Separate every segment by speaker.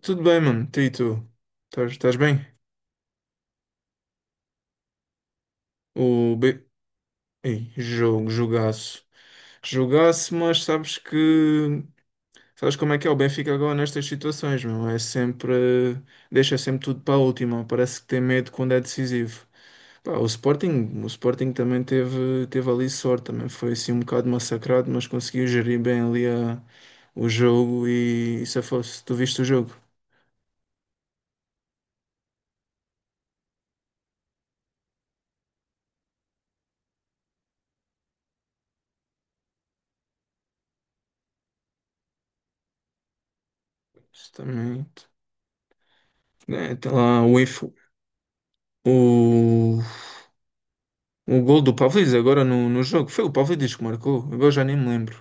Speaker 1: Tudo bem, mano. Tu e tu? Estás bem? O B... Ei, jogo, jogaço. Jogaço, mas sabes que... Sabes como é que é o Benfica agora nestas situações, meu? É sempre... Deixa sempre tudo para a última. Parece que tem medo quando é decisivo. Pá, o Sporting também teve ali sorte. Também foi assim um bocado massacrado, mas conseguiu gerir bem ali o jogo e se fosse, tu viste o jogo? Isso também... É, tem lá o info. O gol do Pavlidis agora no jogo. Foi o Pavlidis que marcou. Agora já nem me lembro.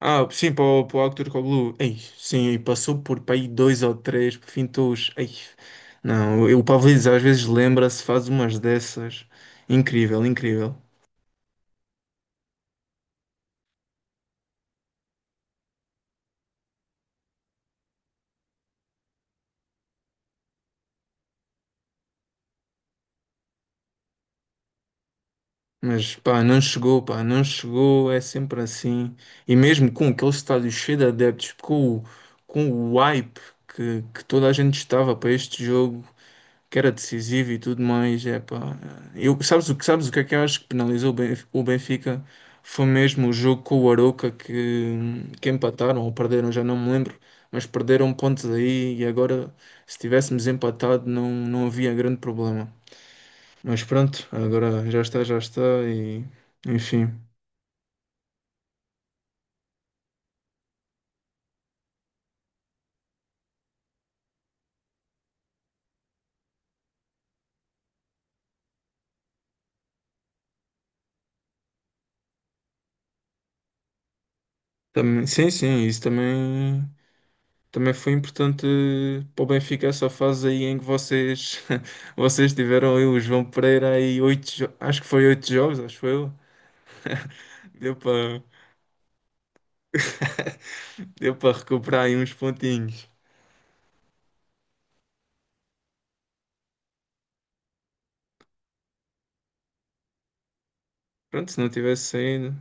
Speaker 1: Ah, sim, para o Arthur Cablu. Ei, sim, e passou por para aí dois ou três fintos. Ei, não, o Pavlidis às vezes lembra-se, faz umas dessas. Incrível, incrível. Mas pá, não chegou, é sempre assim. E mesmo com aquele estádio cheio de adeptos, com o hype que toda a gente estava para este jogo, que era decisivo e tudo mais. É pá, é. Eu, sabes o que é que eu acho que penalizou o Benfica? Foi mesmo o jogo com o Arouca que empataram ou perderam, já não me lembro, mas perderam pontos aí e agora se tivéssemos empatado não havia grande problema. Mas pronto, agora já está e enfim. Também, sim, sim, isso também. Também foi importante para o Benfica essa fase aí em que vocês, vocês tiveram aí o João Pereira aí acho que foi oito jogos, acho que foi eu. Deu para deu para recuperar aí uns pontinhos. Pronto, se não tivesse saído.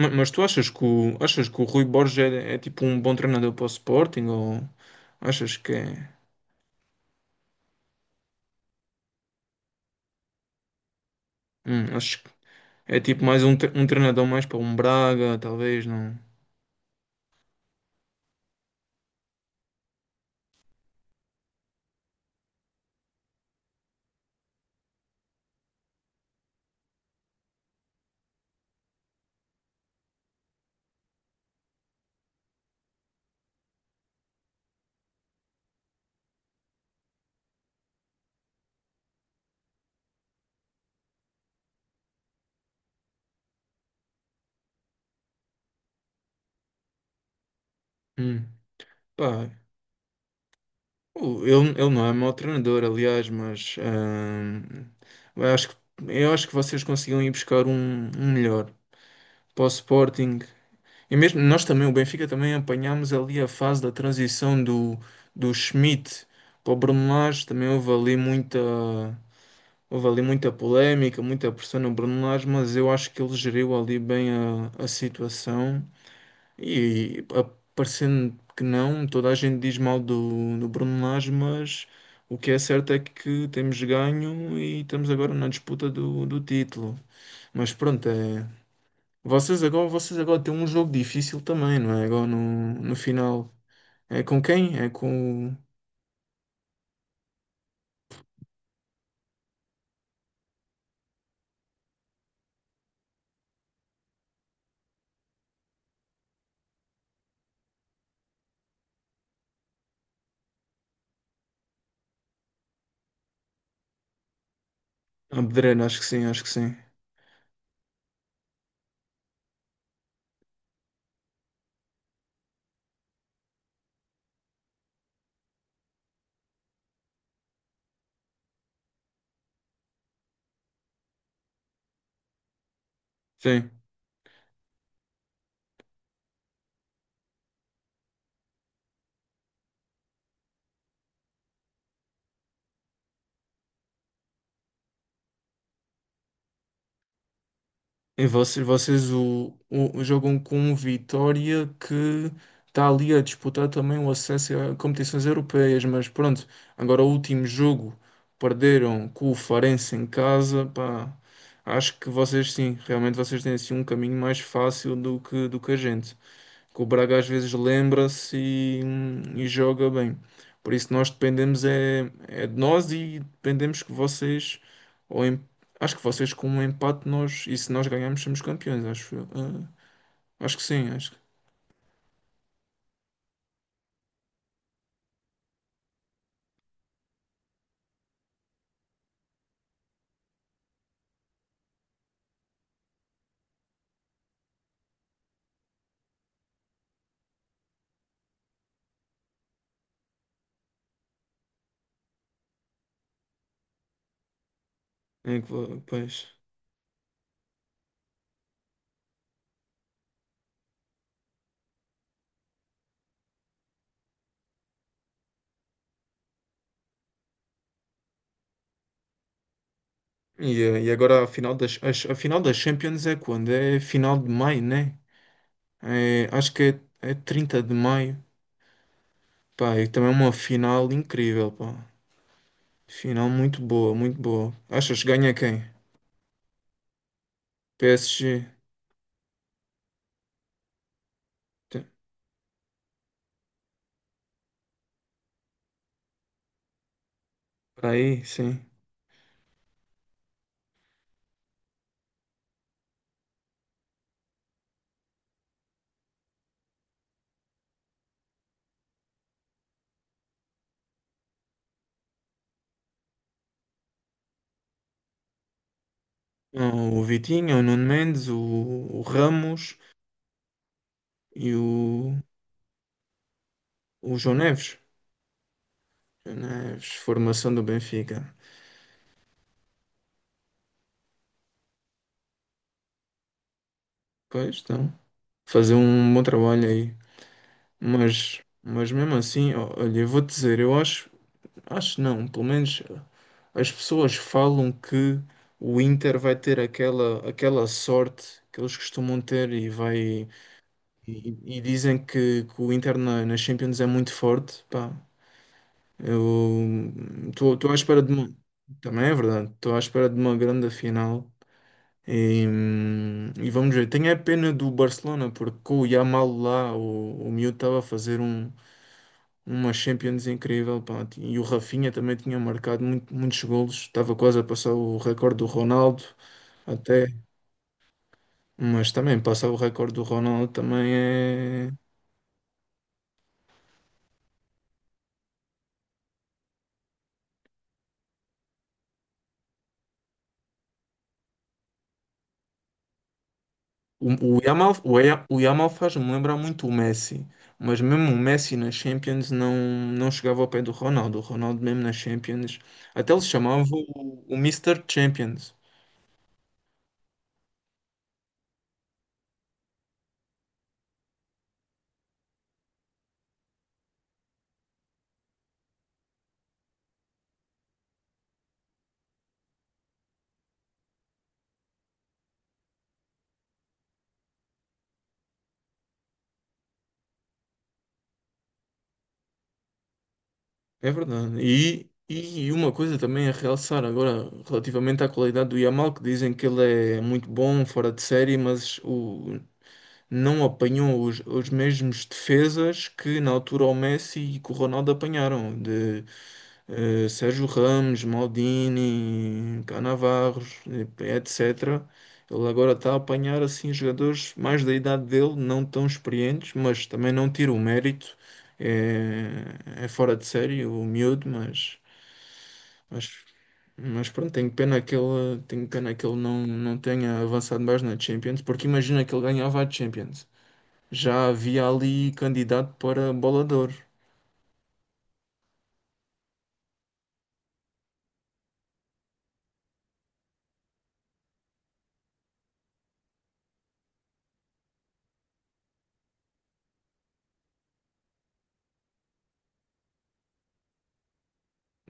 Speaker 1: Mas, tu achas que o Rui Borges é tipo um bom treinador para o Sporting ou achas que é, acho que é tipo mais um treinador mais para um Braga, talvez não. Hum, pá, Ele não é mau treinador, aliás, mas eu acho que, eu acho que vocês conseguiam ir buscar um melhor para o Sporting. E mesmo nós também, o Benfica também apanhámos ali a fase da transição do Schmidt para o Bruno Lage. Também houve ali muita polémica, muita pressão no Bruno Lage, mas eu acho que ele geriu ali bem a situação e a- parecendo que não, toda a gente diz mal do Bruno Lage, mas o que é certo é que temos ganho e estamos agora na disputa do título. Mas pronto, é, vocês agora têm um jogo difícil também, não é? Agora no final. É com quem? É com o Abdereno, acho que sim, acho que sim. Sim. E vocês jogam com um Vitória que está ali a disputar também o acesso a competições europeias, mas pronto, agora o último jogo perderam com o Farense em casa, pá, acho que vocês sim, realmente vocês têm assim um caminho mais fácil do que a gente que o Braga às vezes lembra-se e joga bem. Por isso nós dependemos é de nós e dependemos que vocês, ou em- acho que vocês com um empate nós, e se nós ganharmos somos campeões, acho, eu. Ah, acho que sim, acho que. Pois. E agora a final das Champions é quando? É final de maio, né? É, acho que é 30 de maio. Pá, e também é uma final incrível, pá. Final muito boa, muito boa. Achas que ganha quem? PSG. Tem- Aí, sim. Não, o Vitinho, o Nuno Mendes, o Ramos e o João Neves. João Neves, formação do Benfica. Pois estão. Fazer um bom trabalho aí. Mas mesmo assim, ó, olha, eu vou te dizer, eu acho, acho não, pelo menos as pessoas falam que o Inter vai ter aquela sorte que eles costumam ter e vai e dizem que o Inter na Champions é muito forte. Pá, eu estou à espera de uma. Também é verdade, estou à espera de uma grande final. E vamos ver. Tenho a pena do Barcelona, porque com o Yamal lá, o miúdo estava a fazer uma Champions incrível. Pá. E o Rafinha também tinha marcado muitos golos, estava quase a passar o recorde do Ronaldo, até. Mas também passar o recorde do Ronaldo também é. O Yamal faz-me lembrar muito o Messi, mas mesmo o Messi na Champions não chegava ao pé do Ronaldo. O Ronaldo, mesmo na Champions, até ele se chamava o Mr. Champions. É verdade. E uma coisa também a realçar agora, relativamente à qualidade do Yamal, que dizem que ele é muito bom, fora de série, mas não apanhou os mesmos defesas que na altura o Messi e que o Ronaldo apanharam. Sérgio Ramos, Maldini, Cannavaros, etc. Ele agora está a apanhar assim jogadores mais da idade dele, não tão experientes, mas também não tira o mérito. É fora de série o miúdo, mas, mas pronto, tenho pena que ele não tenha avançado mais na Champions, porque imagina que ele ganhava a Champions. Já havia ali candidato para bola de Ouro.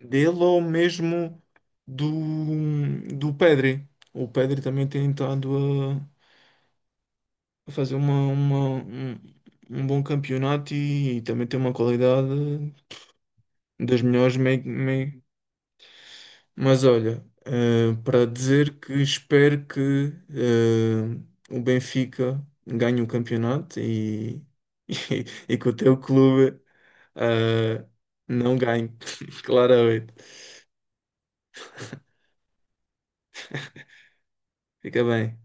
Speaker 1: Dele ou mesmo do, do Pedri. O Pedri também tem estado a fazer um bom campeonato e, também tem uma qualidade das melhores. Mas olha, para dizer que espero que eh, o Benfica ganhe o campeonato e, que o teu clube eh, não ganhe, claramente. Fica bem.